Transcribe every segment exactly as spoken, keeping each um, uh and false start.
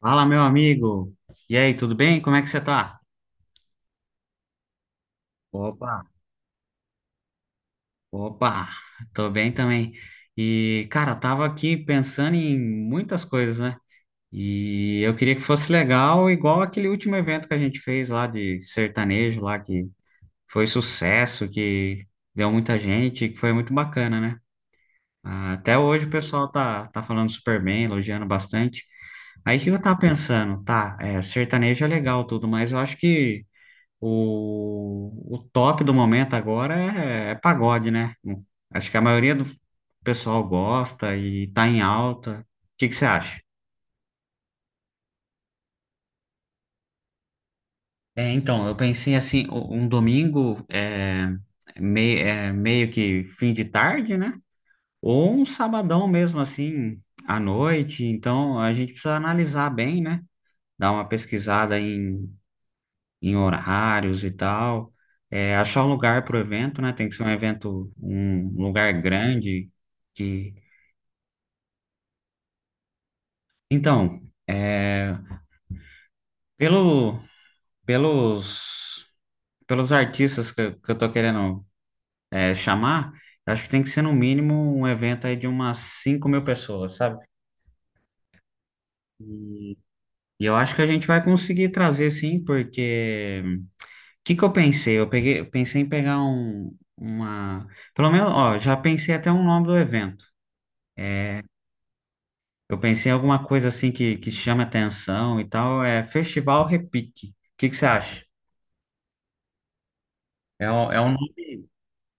Fala, meu amigo. E aí, tudo bem? Como é que você tá? Opa, opa, tô bem também. E, cara, tava aqui pensando em muitas coisas, né? E eu queria que fosse legal, igual aquele último evento que a gente fez lá de sertanejo, lá que foi sucesso, que deu muita gente, que foi muito bacana, né? Ah, até hoje o pessoal tá, tá falando super bem, elogiando bastante. Aí o que eu tava pensando, tá, é, sertanejo é legal tudo, mas eu acho que O, o top do momento agora é, é pagode, né? Acho que a maioria do pessoal gosta e tá em alta. O que que você acha? É, então, eu pensei assim, o- um domingo é, é mei- é, meio que fim de tarde, né? Ou um sabadão mesmo assim, à noite. Então, a gente precisa analisar bem, né? Dar uma pesquisada em horários e tal. É, achar um lugar para o evento, né? Tem que ser um evento, um lugar grande. Que. Então, é, pelo, pelos, pelos artistas que, eu- que eu tô querendo é, chamar, eu acho que tem que ser no mínimo um evento aí de umas cinco mil pessoas, sabe? E, e eu acho que a gente vai conseguir trazer sim, porque o que que eu pensei? Eu peguei, eu pensei em pegar um, uma. Pelo menos, ó, já pensei até o nome do evento. Eu pensei em alguma coisa assim que, que chame atenção e tal. É Festival Repique. O que que você acha? É, um- é, um,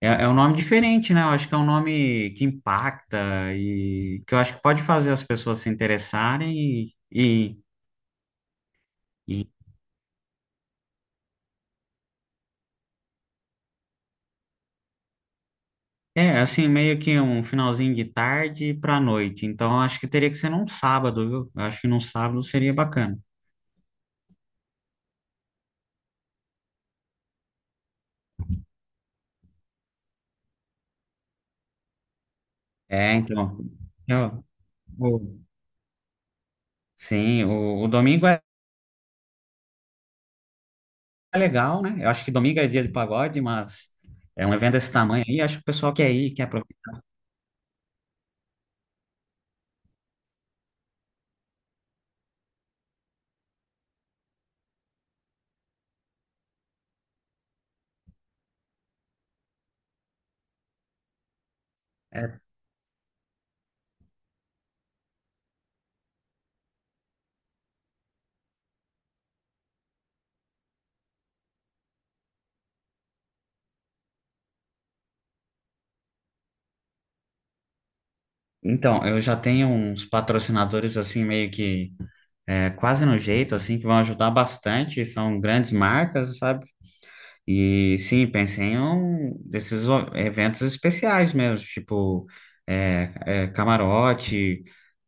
é, é um nome diferente, né? Eu acho que é um nome que impacta e que eu acho que pode fazer as pessoas se interessarem. e, e, e- É assim, meio que um finalzinho de tarde para noite. Então, eu acho que teria que ser num sábado, viu? Eu acho que num sábado seria bacana. É, então. eu- o- sim, o, o domingo é é legal, né? Eu acho que domingo é dia de pagode, mas é um evento desse tamanho aí, acho que o pessoal quer ir, quer aproveitar. É, então, eu já tenho uns patrocinadores assim meio que é, quase no jeito assim que vão ajudar bastante, são grandes marcas, sabe? E sim, pensei em um desses o- eventos especiais mesmo, tipo é, é, camarote,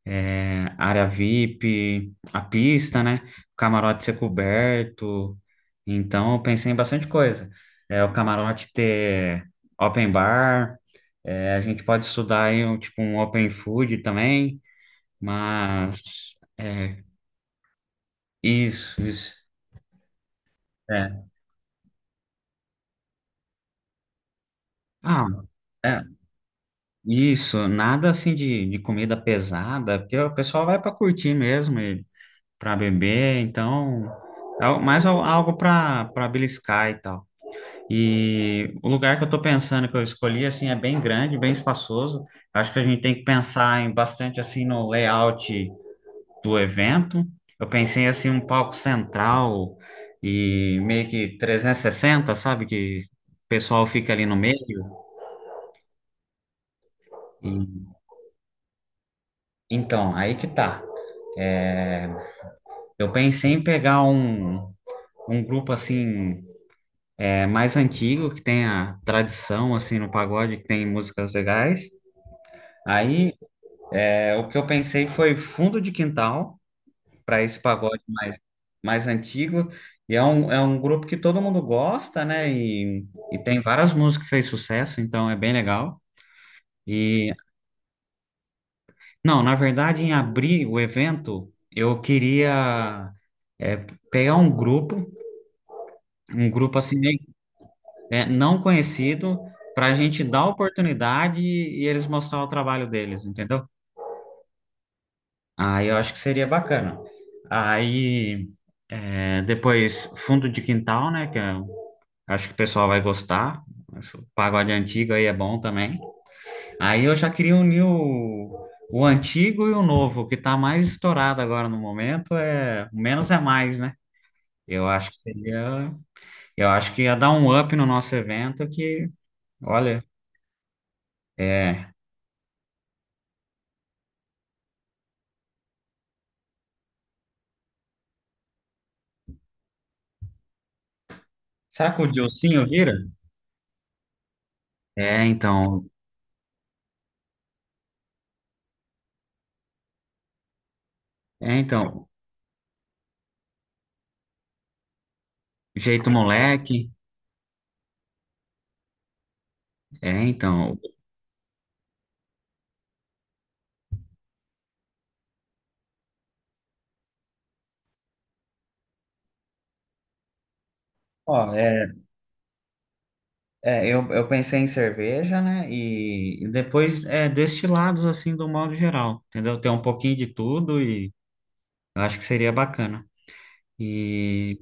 é, área V I P, a pista, né? O camarote ser coberto. Então, eu pensei em bastante coisa. É, o camarote ter open bar, é, a gente pode estudar aí um, tipo um open food também, mas é, isso, isso. É. Ah, é. Isso, nada assim de, de comida pesada, porque o pessoal vai para curtir mesmo, e para beber, então, al- mais al- algo para para beliscar e tal. E o lugar que eu tô pensando que eu escolhi assim é bem grande, bem espaçoso. Acho que a gente tem que pensar em bastante assim no layout do evento. Eu pensei assim um palco central e meio que trezentos e sessenta, sabe, que o pessoal fica ali no meio. E, então, aí que tá. Eu pensei em pegar um, um grupo assim é, mais antigo que tenha tradição assim no pagode, que tem músicas legais. Aí é, o que eu pensei foi Fundo de Quintal para esse pagode mais antigo. E é um, é um grupo que todo mundo gosta, né? E, e tem várias músicas que fez sucesso, então é bem legal. E não, na verdade, em abrir o evento, eu queria é, pegar um grupo, um grupo assim é, não conhecido para a gente dar oportunidade e eles mostrar o trabalho deles, entendeu? Aí eu acho que seria bacana. Aí é, depois fundo de quintal, né? Que eu acho que o pessoal vai gostar. Esse pagode antigo aí é bom também. Aí eu já queria unir o, o antigo e o novo, o que tá mais estourado agora no momento é o menos é mais, né? Eu acho que seria, eu acho que ia dar um up no nosso evento que, olha, é Será que o Dilcinho vira? É, então. É, então. Jeito moleque. É, então. Ó, é, é, eu, eu pensei em cerveja, né? E, e depois é, destilados, assim, do modo geral, entendeu? Tem um pouquinho de tudo e eu acho que seria bacana. E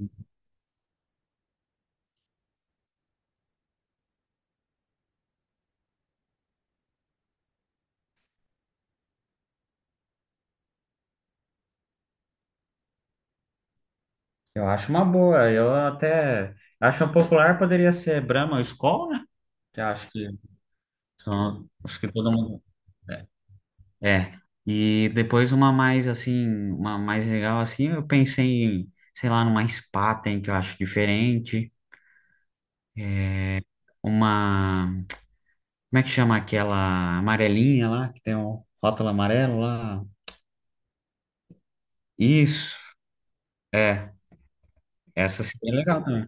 eu acho uma boa. Eu até acho um popular poderia ser Brahma ou Skol, né? Que eu acho que são os que todo mundo. é, É, e depois uma mais assim, uma mais legal assim, eu pensei em, sei lá, numa Spaten que eu acho diferente, uma, como é que chama aquela amarelinha lá, que tem um rótulo amarelo lá? Isso, é, essa seria legal também.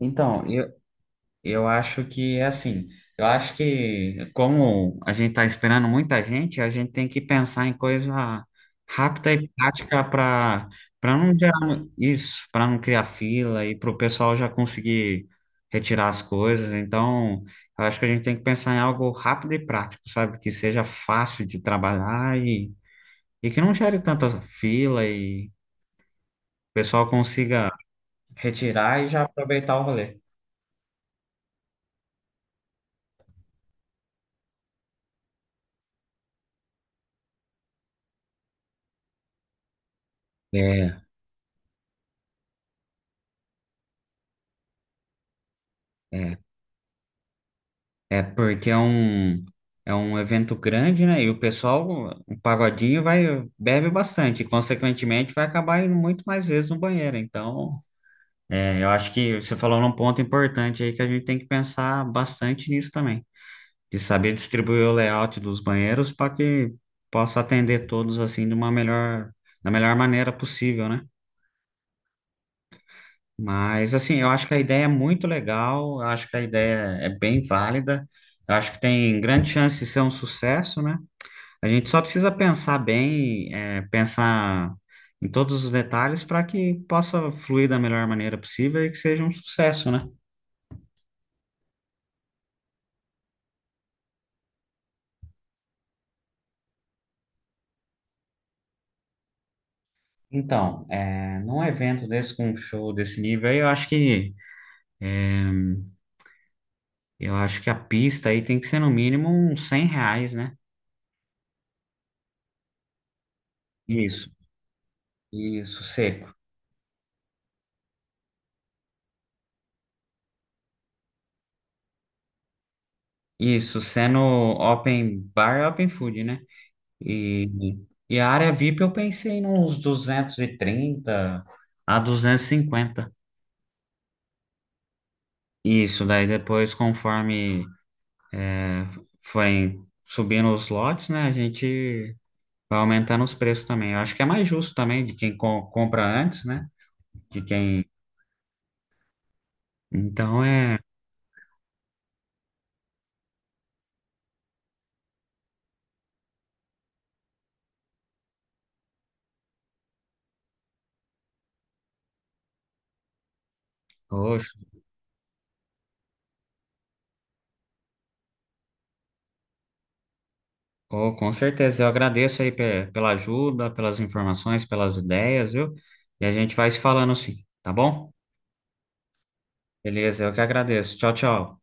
Então, eu acho que é assim. Eu acho que, como a gente está esperando muita gente, a gente tem que pensar em coisa rápida e prática para para não gerar mu- isso, para não criar fila e para o pessoal já conseguir retirar as coisas. Então, eu acho que a gente tem que pensar em algo rápido e prático, sabe? Que seja fácil de trabalhar e, e que não gere tanta fila e o pessoal consiga retirar e já aproveitar o rolê. É. É. É porque é um, é um evento grande, né? E o pessoal, o pagodinho vai, bebe bastante, consequentemente vai acabar indo muito mais vezes no banheiro. Então, é, eu acho que você falou num ponto importante aí que a gente tem que pensar bastante nisso também, de saber distribuir o layout dos banheiros para que possa atender todos assim de uma melhor, da melhor maneira possível, né? Mas assim, eu acho que a ideia é muito legal, eu acho que a ideia é bem válida, eu acho que tem grande chance de ser um sucesso, né? A gente só precisa pensar bem, é, pensar em todos os detalhes para que possa fluir da melhor maneira possível e que seja um sucesso, né? Então, é, num evento desse, com um show desse nível aí, eu acho que eu acho que a pista aí tem que ser no mínimo uns cem reais, né? Isso, isso, seco. Isso, sendo open bar, open food, né? E, e a área V I P eu pensei nos duzentos e trinta a duzentos e cinquenta. Isso, daí depois, conforme é, forem subindo os lotes, né, a gente vai aumentando os preços também. Eu acho que é mais justo também de quem co- compra antes, né, de quem. Então é. Oxe, oh, com certeza, eu agradeço aí pe- pela ajuda, pelas informações, pelas ideias, viu? E a gente vai se falando assim, tá bom? Beleza, eu que agradeço. Tchau, tchau.